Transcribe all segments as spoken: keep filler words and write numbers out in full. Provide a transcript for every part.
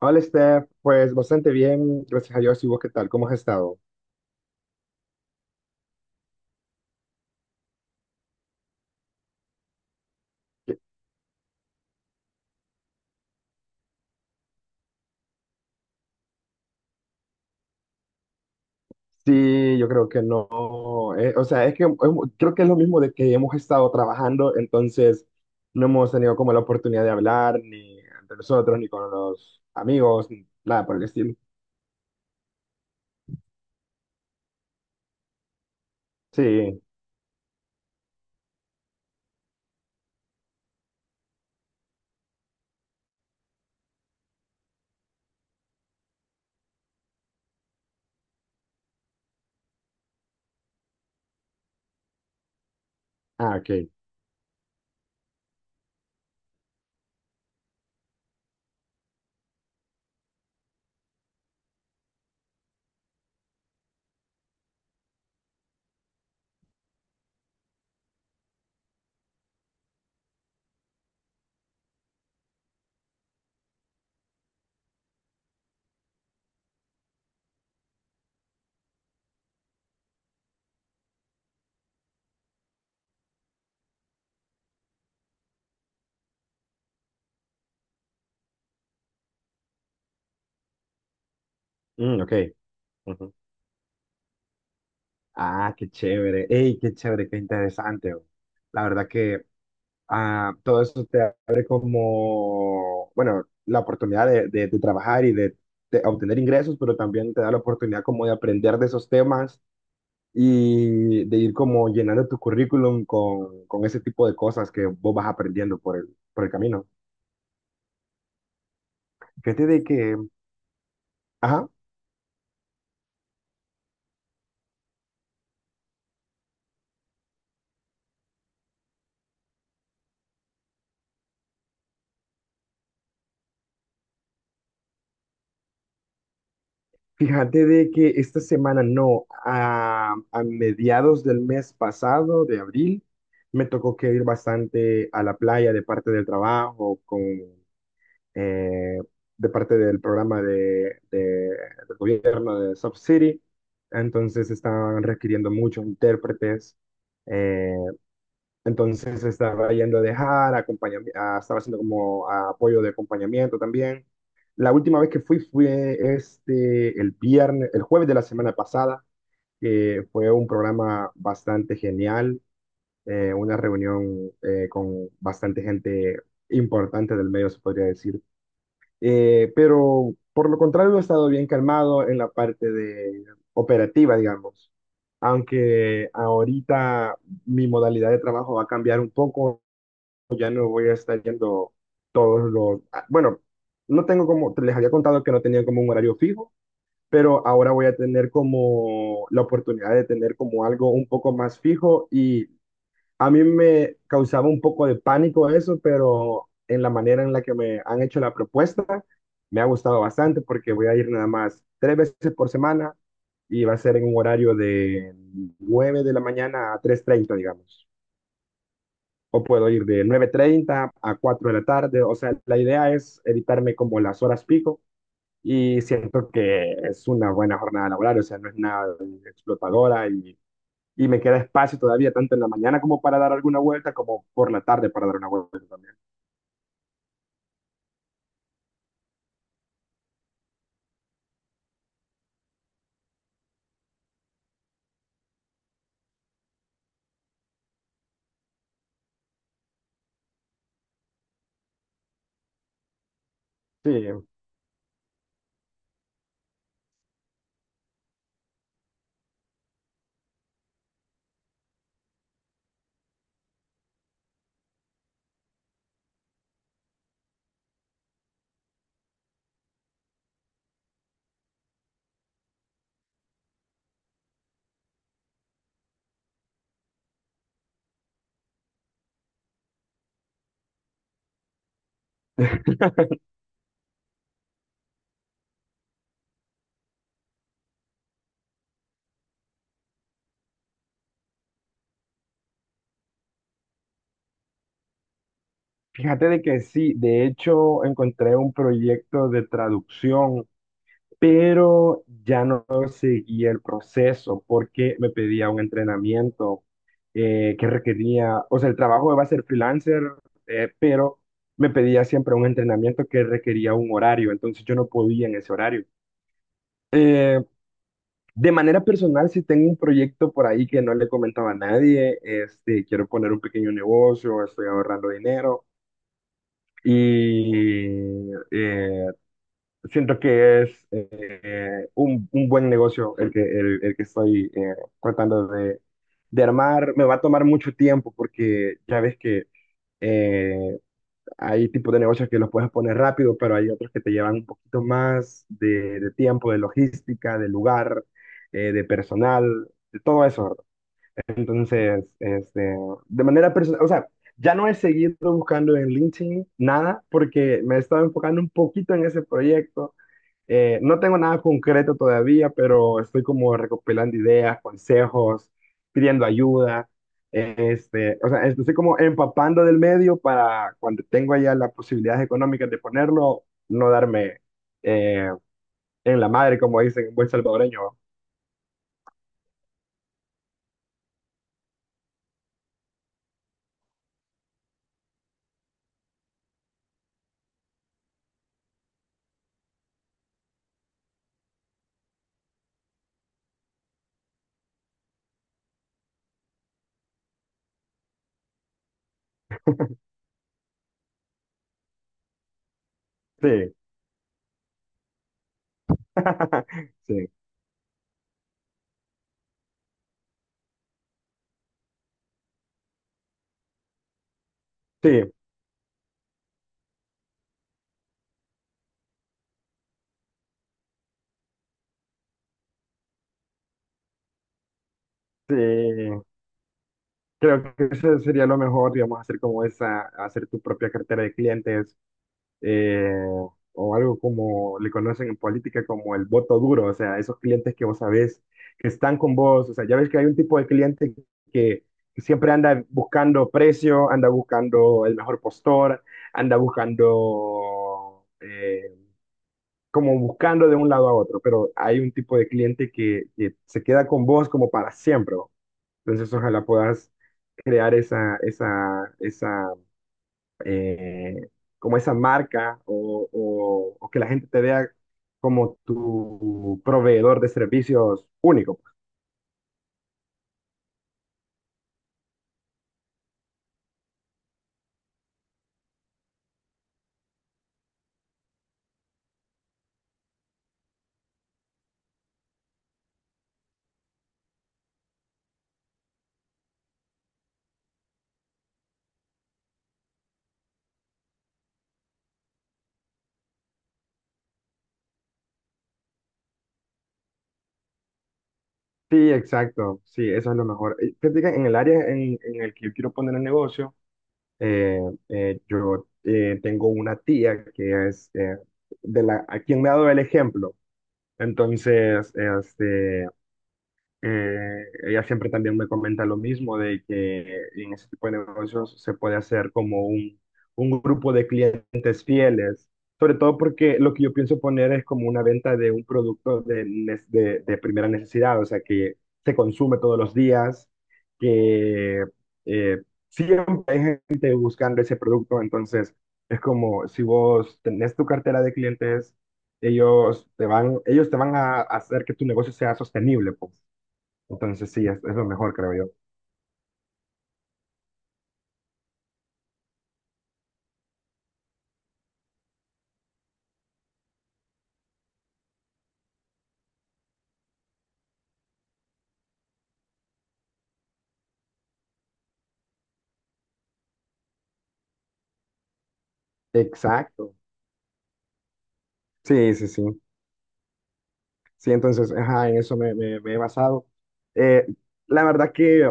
Hola, Steph. Pues bastante bien, gracias a Dios. ¿Y vos qué tal? ¿Cómo has estado? Sí, yo creo que no. Eh, o sea, es que eh, creo que es lo mismo de que hemos estado trabajando, entonces no hemos tenido como la oportunidad de hablar ni entre nosotros, ni con los amigos, ni nada por el estilo. Sí. Ah, ok. Mm, ok. Ujú. Ah, qué chévere. Ey, qué chévere, qué interesante. La verdad que ah, todo eso te abre como, bueno, la oportunidad de, de- de trabajar y de, de obtener ingresos, pero también te da la oportunidad como de aprender de esos temas y de ir como llenando tu currículum con, con ese tipo de cosas que vos vas aprendiendo por el, por el camino. Fíjate de que, ajá, fíjate de que esta semana, no, a, a mediados del mes pasado, de abril, me tocó que ir bastante a la playa de parte del trabajo con eh, de parte del programa de, de- del gobierno de Soft City. Entonces estaban requiriendo muchos intérpretes. eh, entonces estaba yendo a dejar, acompañami- ah, estaba haciendo como ah, apoyo de acompañamiento también. La última vez que fui fue este, el viernes, el jueves de la semana pasada, que fue un programa bastante genial, eh, una reunión eh, con bastante gente importante del medio, se podría decir. Eh, pero por lo contrario, he estado bien calmado en la parte de operativa, digamos. Aunque ahorita mi modalidad de trabajo va a cambiar un poco, ya no voy a estar yendo todos los... ah, Bueno, no tengo como, les había contado que no tenía como un horario fijo, pero ahora voy a tener como la oportunidad de tener como algo un poco más fijo y a mí me causaba un poco de pánico eso, pero en la manera en la que me han hecho la propuesta, me ha gustado bastante porque voy a ir nada más tres veces por semana y va a ser en un horario de nueve de la mañana a tres treinta, digamos. O puedo ir de nueve treinta a cuatro de la tarde. O sea, la idea es evitarme como las horas pico y siento que es una buena jornada laboral, o sea, no es nada explotadora y y me queda espacio todavía tanto en la mañana como para dar alguna vuelta, como por la tarde para dar una vuelta también. Sí, fíjate de que sí, de hecho encontré un proyecto de traducción, pero ya no seguí el proceso porque me pedía un entrenamiento eh, que requería, o sea, el trabajo iba a ser freelancer, eh, pero me pedía siempre un entrenamiento que requería un horario, entonces yo no podía en ese horario. Eh, De manera personal, si tengo un proyecto por ahí que no le comentaba a nadie, este, quiero poner un pequeño negocio, estoy ahorrando dinero y eh, siento que es eh, un, un buen negocio el que, el, el que estoy eh, tratando de, de armar. Me va a tomar mucho tiempo porque ya ves que eh, hay tipos de negocios que los puedes poner rápido, pero hay otros que te llevan un poquito más de, de tiempo, de logística, de lugar, eh, de personal, de todo eso. Entonces, este, de manera personal, o sea, ya no he seguido buscando en LinkedIn nada porque me he estado enfocando un poquito en ese proyecto. Eh, no tengo nada concreto todavía, pero estoy como recopilando ideas, consejos, pidiendo ayuda. Eh, Este, o sea, estoy como empapando del medio para cuando tengo ya las posibilidades económicas de ponerlo, no darme eh, en la madre, como dicen en buen salvadoreño. Sí, sí, sí, sí. Creo que eso sería lo mejor, digamos, hacer como esa, hacer tu propia cartera de clientes eh, o algo como le conocen en política como el voto duro, o sea, esos clientes que vos sabés que están con vos, o sea, ya ves que hay un tipo de cliente que siempre anda buscando precio, anda buscando el mejor postor, anda buscando, eh, como buscando de un lado a otro, pero hay un tipo de cliente que, que se queda con vos como para siempre. Entonces, ojalá puedas crear esa, esa, esa, eh, como esa marca o, o- o que la gente te vea como tu proveedor de servicios único. Sí, exacto. Sí, eso es lo mejor. Eh, fíjate que en el área en, en el que yo quiero poner el negocio, eh, eh, yo eh, tengo una tía que es eh, de la, a quien me ha dado el ejemplo. Entonces, este, eh, ella siempre también me comenta lo mismo, de que en ese tipo de negocios se puede hacer como un, un grupo de clientes fieles, sobre todo porque lo que yo pienso poner es como una venta de un producto de, ne- de, de primera necesidad, o sea, que se consume todos los días, que eh, siempre hay gente buscando ese producto, entonces es como si vos tenés tu cartera de clientes, ellos te van, ellos te van a hacer que tu negocio sea sostenible, pues. Entonces sí, es, es lo mejor, creo yo. Exacto. Sí, sí, sí. Sí, entonces, ajá, en eso me, me- me he basado. Eh, la verdad que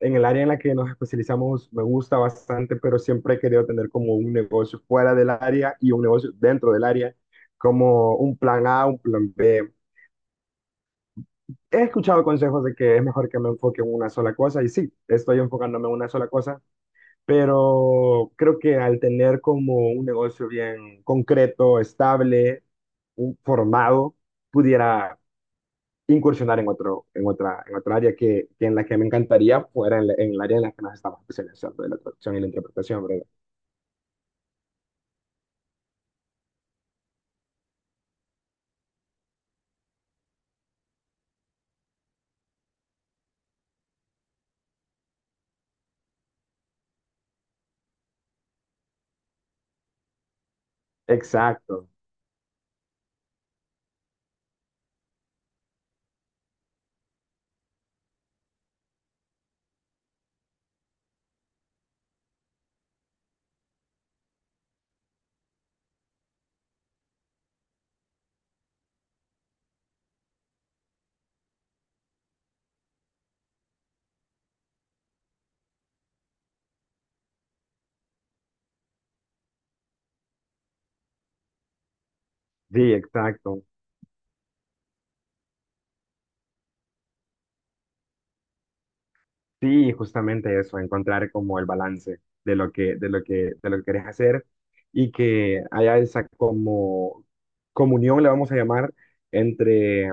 en el área en la que nos especializamos me gusta bastante, pero siempre he querido tener como un negocio fuera del área y un negocio dentro del área, como un plan A, un plan B. He escuchado consejos de que es mejor que me enfoque en una sola cosa y sí, estoy enfocándome en una sola cosa, pero creo que al tener como un negocio bien concreto, estable, un formado pudiera incursionar en otro, en otra, en otra área que, que en la que me encantaría fuera en, la- en el área en la que nos estamos especializando, de la traducción y la interpretación, ¿verdad? Exacto, sí, exacto. Sí, justamente eso, encontrar como el balance de lo que, de lo que, de lo que querés hacer y que haya esa como comunión, le vamos a llamar, entre,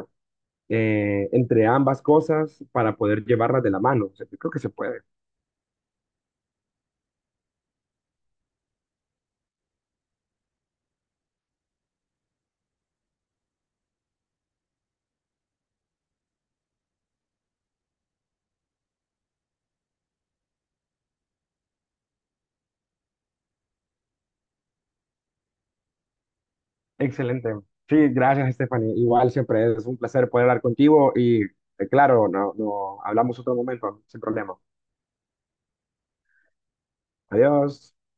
eh, entre ambas cosas para poder llevarlas de la mano. O sea, yo creo que se puede. Excelente. Sí, gracias, Stephanie. Igual siempre es un placer poder hablar contigo y eh, claro, no, no hablamos otro momento, sin problema. Adiós.